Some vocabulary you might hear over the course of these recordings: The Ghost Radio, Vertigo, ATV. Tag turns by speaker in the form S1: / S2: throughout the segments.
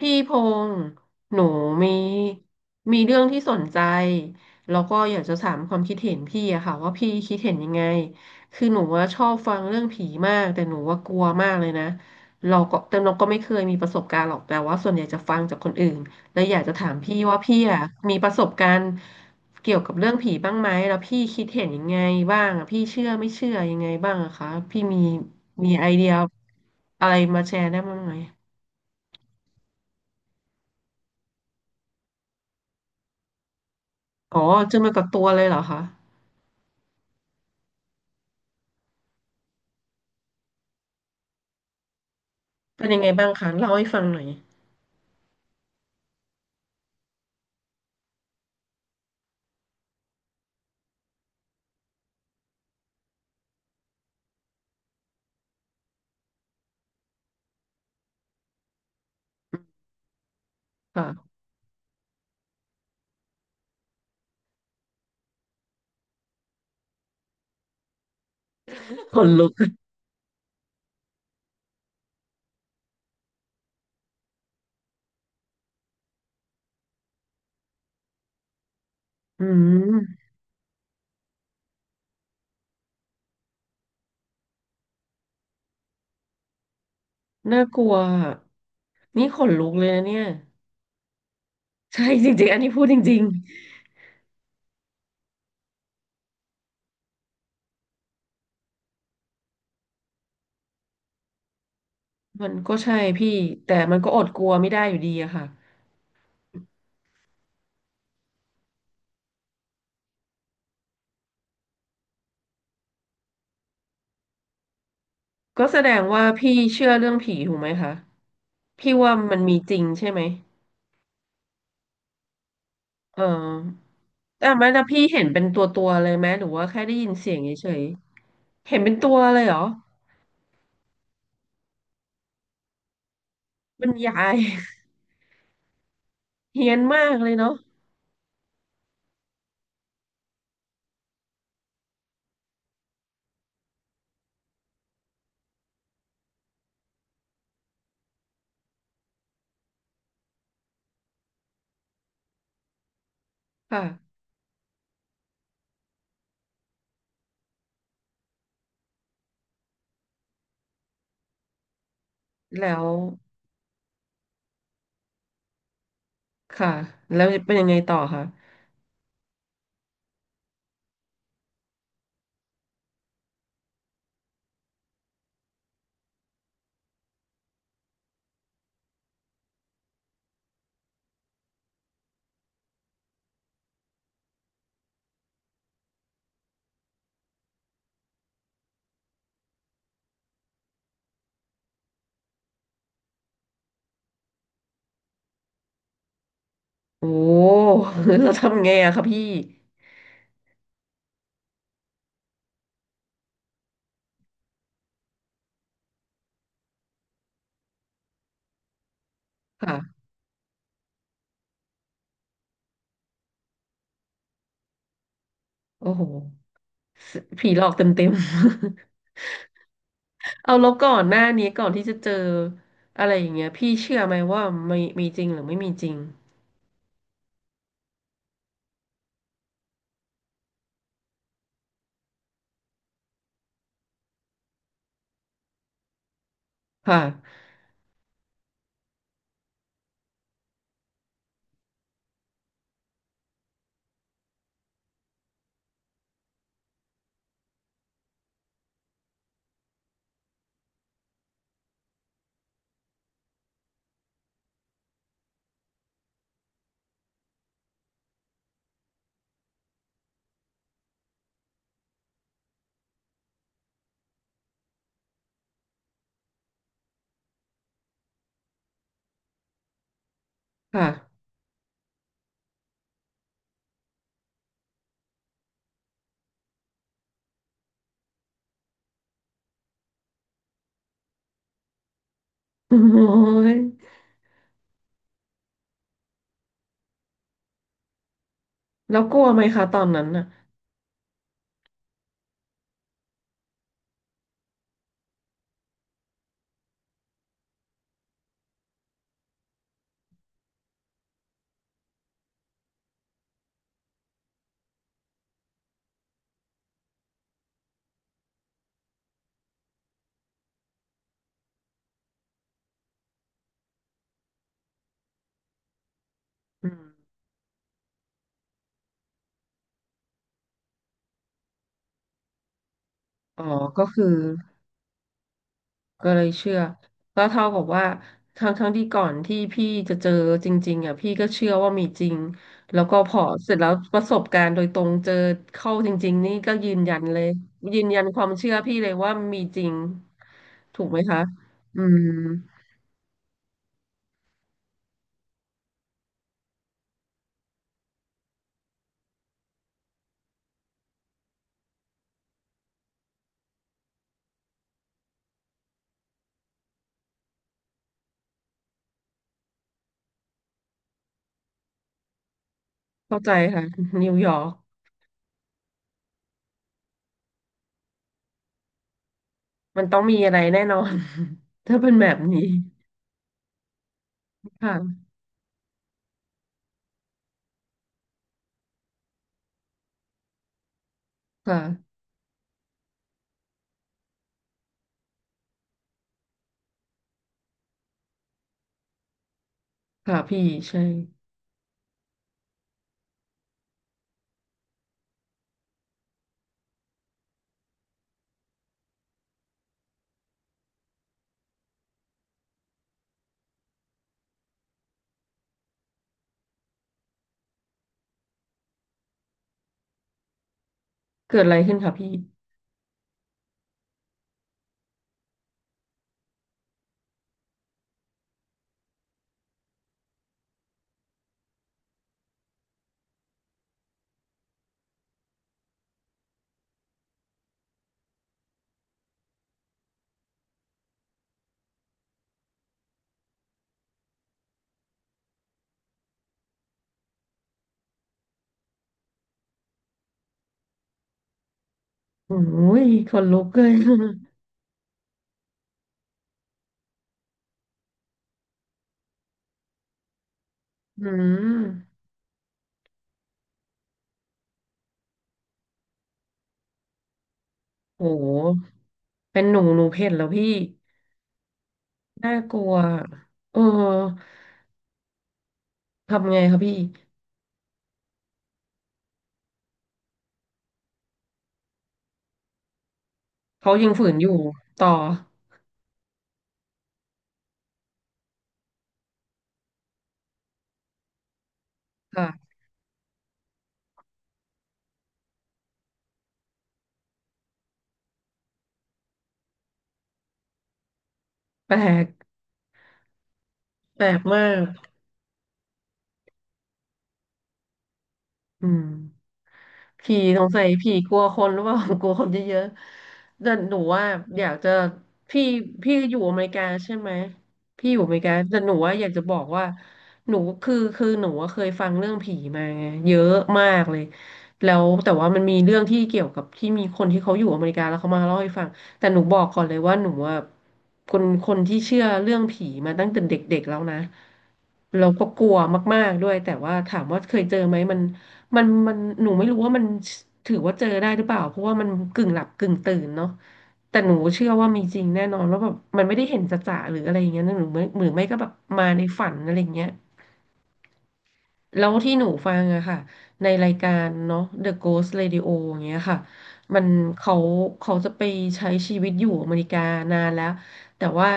S1: พี่พงษ์หนูมีมีเรื่องที่สนใจแล้วก็อยากจะถามความคิดเห็นพี่อะค่ะว่าพี่คิดเห็นยังไงคือหนูว่าชอบฟังเรื่องผีมากแต่หนูว่ากลัวมากเลยนะเราก็แต่เราก็ไม่เคยมีประสบการณ์หรอกแต่ว่าส่วนใหญ่จะฟังจากคนอื่นแล้วอยากจะถามพี่ว่าพี่อะมีประสบการณ์เกี่ยวกับเรื่องผีบ้างไหมแล้วพี่คิดเห็นยังไงบ้างอะพี่เชื่อไม่เชื่อยังไงบ้างอะคะพี่มีไอเดียอะไรมาแชร์ได้บ้างไหม อ๋อเจอมากับตัวเลยเหรอคะเป็นยังไงบ้างคะเล่าให้ฟังหน่อยค่ะขนลุกอืมน่ากลัวอะนี่ขนลุกเลยนะเนี่ยใช่จริงๆอันนี้พูดจริงๆมันก็ใช่พี่แต่มันก็อดกลัวไม่ได้อยู่ดีอะค่ะก็แสดงว่าพี่เชื่อเรื่องผีถูกไหมคะพี่ว่ามันมีจริงใช่ไหมเออแต่ไม่แล้วพี่เห็นเป็นตัวเลยไหมหรือว่าแค่ได้ยินเสียงเฉยๆเห็นเป็นตัวเลยเหรอมันยาย เฮี้ยนมากเลยเนาะค่ะแล้ว ค่ะแล้วเป็นยังไงต่อคะโอ้ เราทำไงอะคะพี่ค่ะโอ้โหสผีหลอกเต็ม เอาแล้วก่อนหน้านี้ก่อนที่จะเจออะไรอย่างเงี้ยพี่เชื่อไหมว่ามีจริงหรือไม่มีจริงค่ะค่ะ โอ้ยแล้วกลัวไหมคะตอนนั้นน่ะอืมอ๋อก็คือ ก็เลยเชื่อก็เท่ากับว่าทั้งที่ก่อนที่พี่จะเจอจริงๆอ่ะพี่ก็เชื่อว่ามีจริงแล้วก็พอเสร็จแล้วประสบการณ์โดยตรงเจอเข้าจริงๆนี่ก็ยืนยันเลยยืนยันความเชื่อพี่เลยว่ามีจริงถูกไหมคะอืมเข้าใจค่ะนิวยอร์กมันต้องมีอะไรแน่นอน ถ้าเป็นแบบนี้ค่ะค่ะค่ะพี่ใช่เกิดอะไรขึ้นคะพี่โอ้ยขนลุกเลย อืมโห เป็นหนูเห็นแล้วพี่น่ากลัวเออทำไงคะพี่เขายังฝืนอยู่ต่อค่ะแปลกแปลกมากอืม ผีสงสัยผีกลัวคนหรือเปล่า กลัวคนเยอะๆแต่หนูว่าอยากจะพี่พี่อยู่อเมริกาใช่ไหมพี่อยู่อเมริกาแต่หนูว่าอยากจะบอกว่าหนูคือหนูว่าเคยฟังเรื่องผีมาไงเยอะมากเลยแล้วแต่ว่ามันมีเรื่องที่เกี่ยวกับที่มีคนที่เขาอยู่อเมริกาแล้วเขามาเล่าให้ฟังแต่หนูบอกก่อนเลยว่าหนูว่าคนที่เชื่อเรื่องผีมาตั้งแต่เด็กๆแล้วนะเราก็กลัวมากๆด้วยแต่ว่าถามว่าเคยเจอไหมมัน มันหนูไม่รู้ว่ามันถือว่าเจอได้หรือเปล่าเพราะว่ามันกึ่งหลับกึ่งตื่นเนาะแต่หนูเชื่อว่ามีจริงแน่นอนว่าแบบมันไม่ได้เห็นจะๆหรืออะไรอย่างเงี้ยนะหรือไม่ก็แบบมาในฝันอะไรอย่างเงี้ย แล้วที่หนูฟังอะค่ะในรายการเนาะ The Ghost Radio อย่างเงี้ยค่ะมันเขาเขาจะไปใช้ชีวิตอยู่อเมริกานานแล้วแต่ว่า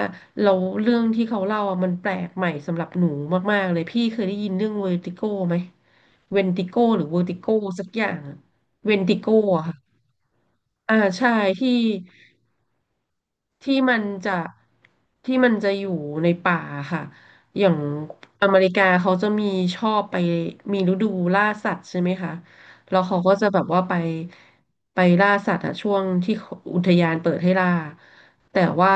S1: เราเรื่องที่เขาเล่าอะมันแปลกใหม่สำหรับหนูมากๆเลยพี่เคยได้ยินเรื่องเวอร์ติโกไหมเวนติโกหรือเวอร์ติโกสักอย่างเวนติโกอะ Vertigo อะค่ะอ่าใช่ที่ ที่มันจะที่มันจะอยู่ในป่าค่ะอย่างอเมริกาเขาจะมีชอบไปมีฤดูล่าสัตว์ใช่ไหมคะแล้วเขาก็จะแบบว่าไปล่าสัตว์อะช่วงที่อุทยานเปิดให้ล่าแต่ว่า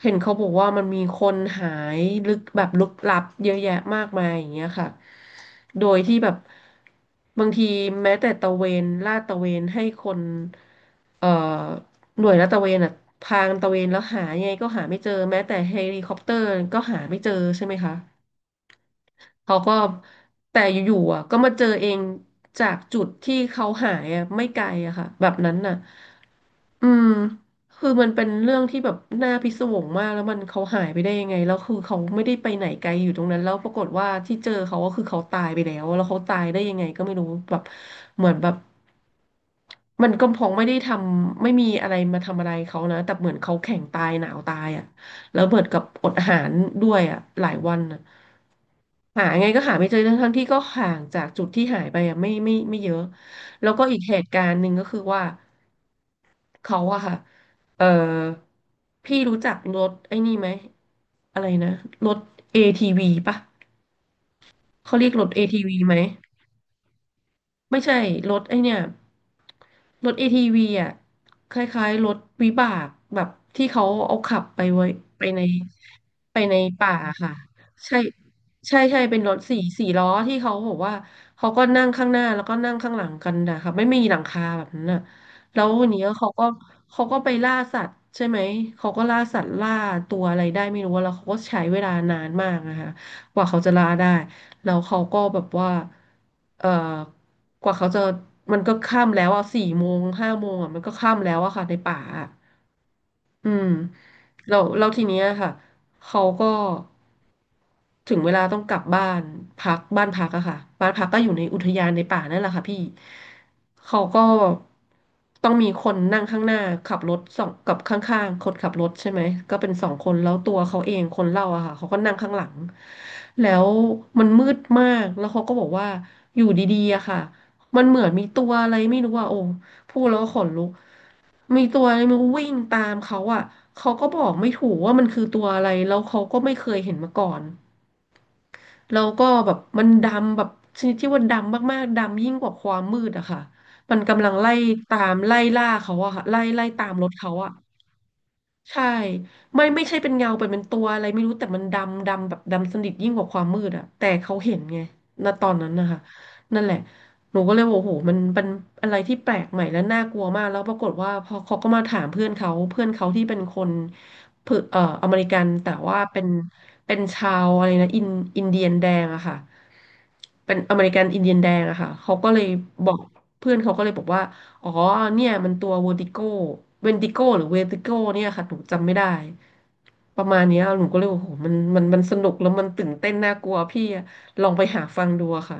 S1: เห็นเขาบอกว่ามันมีคนหายลึกแบบลึกลับเยอะแยะมากมายอย่างเงี้ยค่ะโดยที่แบบบางทีแม้แต่ตระเวนลาดตระเวนให้คนเอ่อ หน่วยลาดตระเวนอ่ะพางตระเวนแล้วหายังไงก็หาไม่เจอแม้แต่เฮลิคอปเตอร์ก็หาไม่เจอใช่ไหมคะเขาก็แต่อยู่ๆอ่ะก็มาเจอเองจากจุดที่เขาหายอ่ะไม่ไกลอะค่ะแบบนั้นน่ะอืมคือมันเป็นเรื่องที่แบบน่าพิศวงมากแล้วมันเขาหายไปได้ยังไงแล้วคือเขาไม่ได้ไปไหนไกลอยู่ตรงนั้นแล้วปรากฏว่าที่เจอเขาก็คือเขาตายไปแล้วแล้วเขาตายได้ยังไงก็ไม่รู้แบบเหมือนแบบ มันก็คงไม่ได้ทำไม่มีอะไรมาทำอะไรเขานะแต่เหมือนเขาแข่งตายหนาวตายอ่ะแล้วเบิดกับอดอาหารด้วยอ่ะหลายวันอ่ะหาไงก็หาไม่เจอทั้งทงที่ก็ห่างจากจุดที่หายไปอ่ะไม่เยอะแล้วก็อีกเหตุการณ์หนึ่งก็คือว่าเขาอะค่ะเออพี่รู้จักรถไอ้นี่ไหมอะไรนะรถ ATV ปะเขาเรียกรถ ATV ไหม ไม่ใช่รถไอเนี่ยรถเอที t ีอ่ะคล้ายๆรถวิบากแบบที่เขาเอาขับไปไว้ไปในไปในป่าค่ะใช่ใช่ใช่เป็นรถสี่ล้อที่เขาบอกว่าเขาก็นั่งข้างหน้าแล้วก็นั่งข้างหลังกันนะคะไม่มีหลังคาแบบนั้นน่ะแล้ววันนี้เขาก็เขาก็ไปล่าสัตว์ใช่ไหมเขาก็ล่าสัตว์ล่าตัวอะไรได้ไม่รู้แล้วเขาก็ใช้เวลานานมากนะคะกว่าเขาจะล่าได้ แล้วเขาก็แบบว่าเอ่อกว่าเขาจะมันก็ค่ำแล้วอ่ะสี่โมงห้าโมงอ่ะมันก็ค่ำแล้วอะค่ะในป่าอะ อืมแล้วทีเนี้ยค่ะเขาก็ถึงเวลาต้องกลับบ้านพักบ้านพักอะค่ะบ้านพักก็อยู่ในอุทยานในป่านั่นแหละค่ะพี่เขาก็ต้องมีคนนั่งข้างหน้าขับรถสองกับข้างๆคนขับรถใช่ไหมก็เป็นสองคนแล้วตัวเขาเองคนเล่าอะค่ะเขาก็นั่งข้างหลังแล้วมันมืดมากแล้วเขาก็บอกว่าอยู่ดีๆอะค่ะมันเหมือนมีตัวอะไรไม่รู้ว่าโอ้ พูดแล้วก็ขนลุกมีตัวอะไรไมันวิ่งตามเขาอ่ะเขาก็บอกไม่ถูกว่ามันคือตัวอะไร แล้วเขาก็ไม่เคยเห็นมาก่อน แล้วก็แบบมันดำแบบชนิดที่ว่าดำมากๆดำยิ่งกว่าความมืดอะค่ะ มันกำลังไล่ตามไล่ล่าเขาอะค่ะไล่ไล่ตามรถเขาอะ ใช่ไม่ใช่เป็นเงาเป็นตัวอะไรไม่รู้แต่มันดำแบบดำสนิทยิ่งกว่าความมืดอะแต่เขาเห็นไงณตอนนั้นนะคะนั่นแหละหนูก็เลยบอกโอ้โหมันเป็นอะไรที่แปลกใหม่และน่ากลัวมากแล้วปรากฏว่าพอเขาก็มาถามเพื่อนเขาเพื่อนเขาที่เป็นคนเพื่ออเมริกันแต่ว่าเป็นชาวอะไรนะอินเดียนแดงอะค่ะ เป็นอเมริกันอินเดียนแดงอะค่ะเขาก็เลยบอกเพื่อนเขาก็เลยบอกว่าอ๋อเนี่ยมันตัวเวอร์ติโกเวนติโกหรือเวอร์ติโกเนี่ยค่ะหนูจำไม่ได้ประมาณเนี้ยหนูก็เลยโอ้โหมันสนุกแล้วมันตื่นเต้นน่ากลัวพี่อะลองไปหาฟังดูอะค่ะ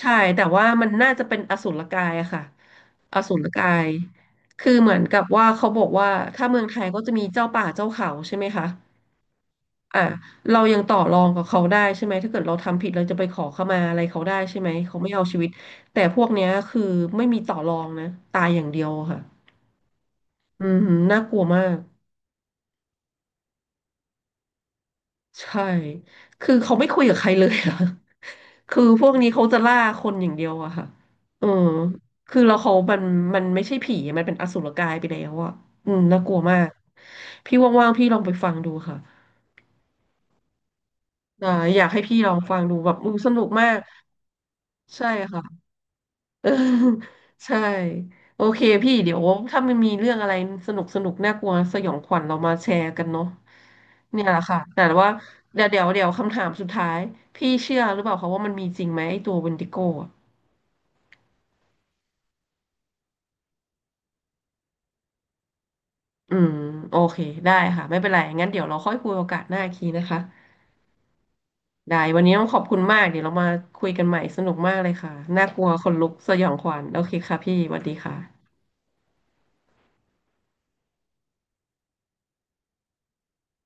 S1: ใช่แต่ว่ามันน่าจะเป็นอสูรกายอะค่ะอสูรกายคือเหมือนกับว่าเขาบอกว่าถ้าเมืองไทยก็จะมีเจ้าป่าเจ้าเขาใช่ไหมคะ อ่ะเรายังต่อรองกับเขาได้ใช่ไหมถ้าเกิดเราทำผิดเราจะไปขอขมาอะไรเขาได้ใช่ไหมเขาไม่เอาชีวิตแต่พวกเนี้ยคือไม่มีต่อรองนะตายอย่างเดียวค่ะอืมน่ากลัวมากใช่คือเขาไม่คุยกับใครเลยอะ คือพวกนี้เขาจะล่าคนอย่างเดียวอะค่ะเออคือแล้วเขามันไม่ใช่ผีมันเป็นอสุรกายไปแล้วอะอืมน่ากลัวมากพี่ว่างๆพี่ลองไปฟังดูค่ะอ่าอยากให้พี่ลองฟังดูแบบอืมสนุกมากใช่ค่ะ เออใช่โอเคพี่เดี๋ยวถ้ามันมีเรื่องอะไรสนุกน่ากลัวสยองขวัญเรามาแชร์กันเนาะเนี่ยแหละค่ะแต่ว่าเดี๋ยวคำถามสุดท้ายพี่เชื่อหรือเปล่าคะว่ามันมีจริงไหมไอ้ตัวเวนติโก้อะอืมโอเคได้ค่ะไม่เป็นไรงั้นเดี๋ยวเราค่อยคุยโอกาสหน้าอีกทีนะคะได้วันนี้ต้องขอบคุณมากเดี๋ยวเรามาคุยกันใหม่สนุกมากเลยค่ะน่ากลัวขนลุกสยองขวัญโอเคค่ะพี่สวัสดีค่ะ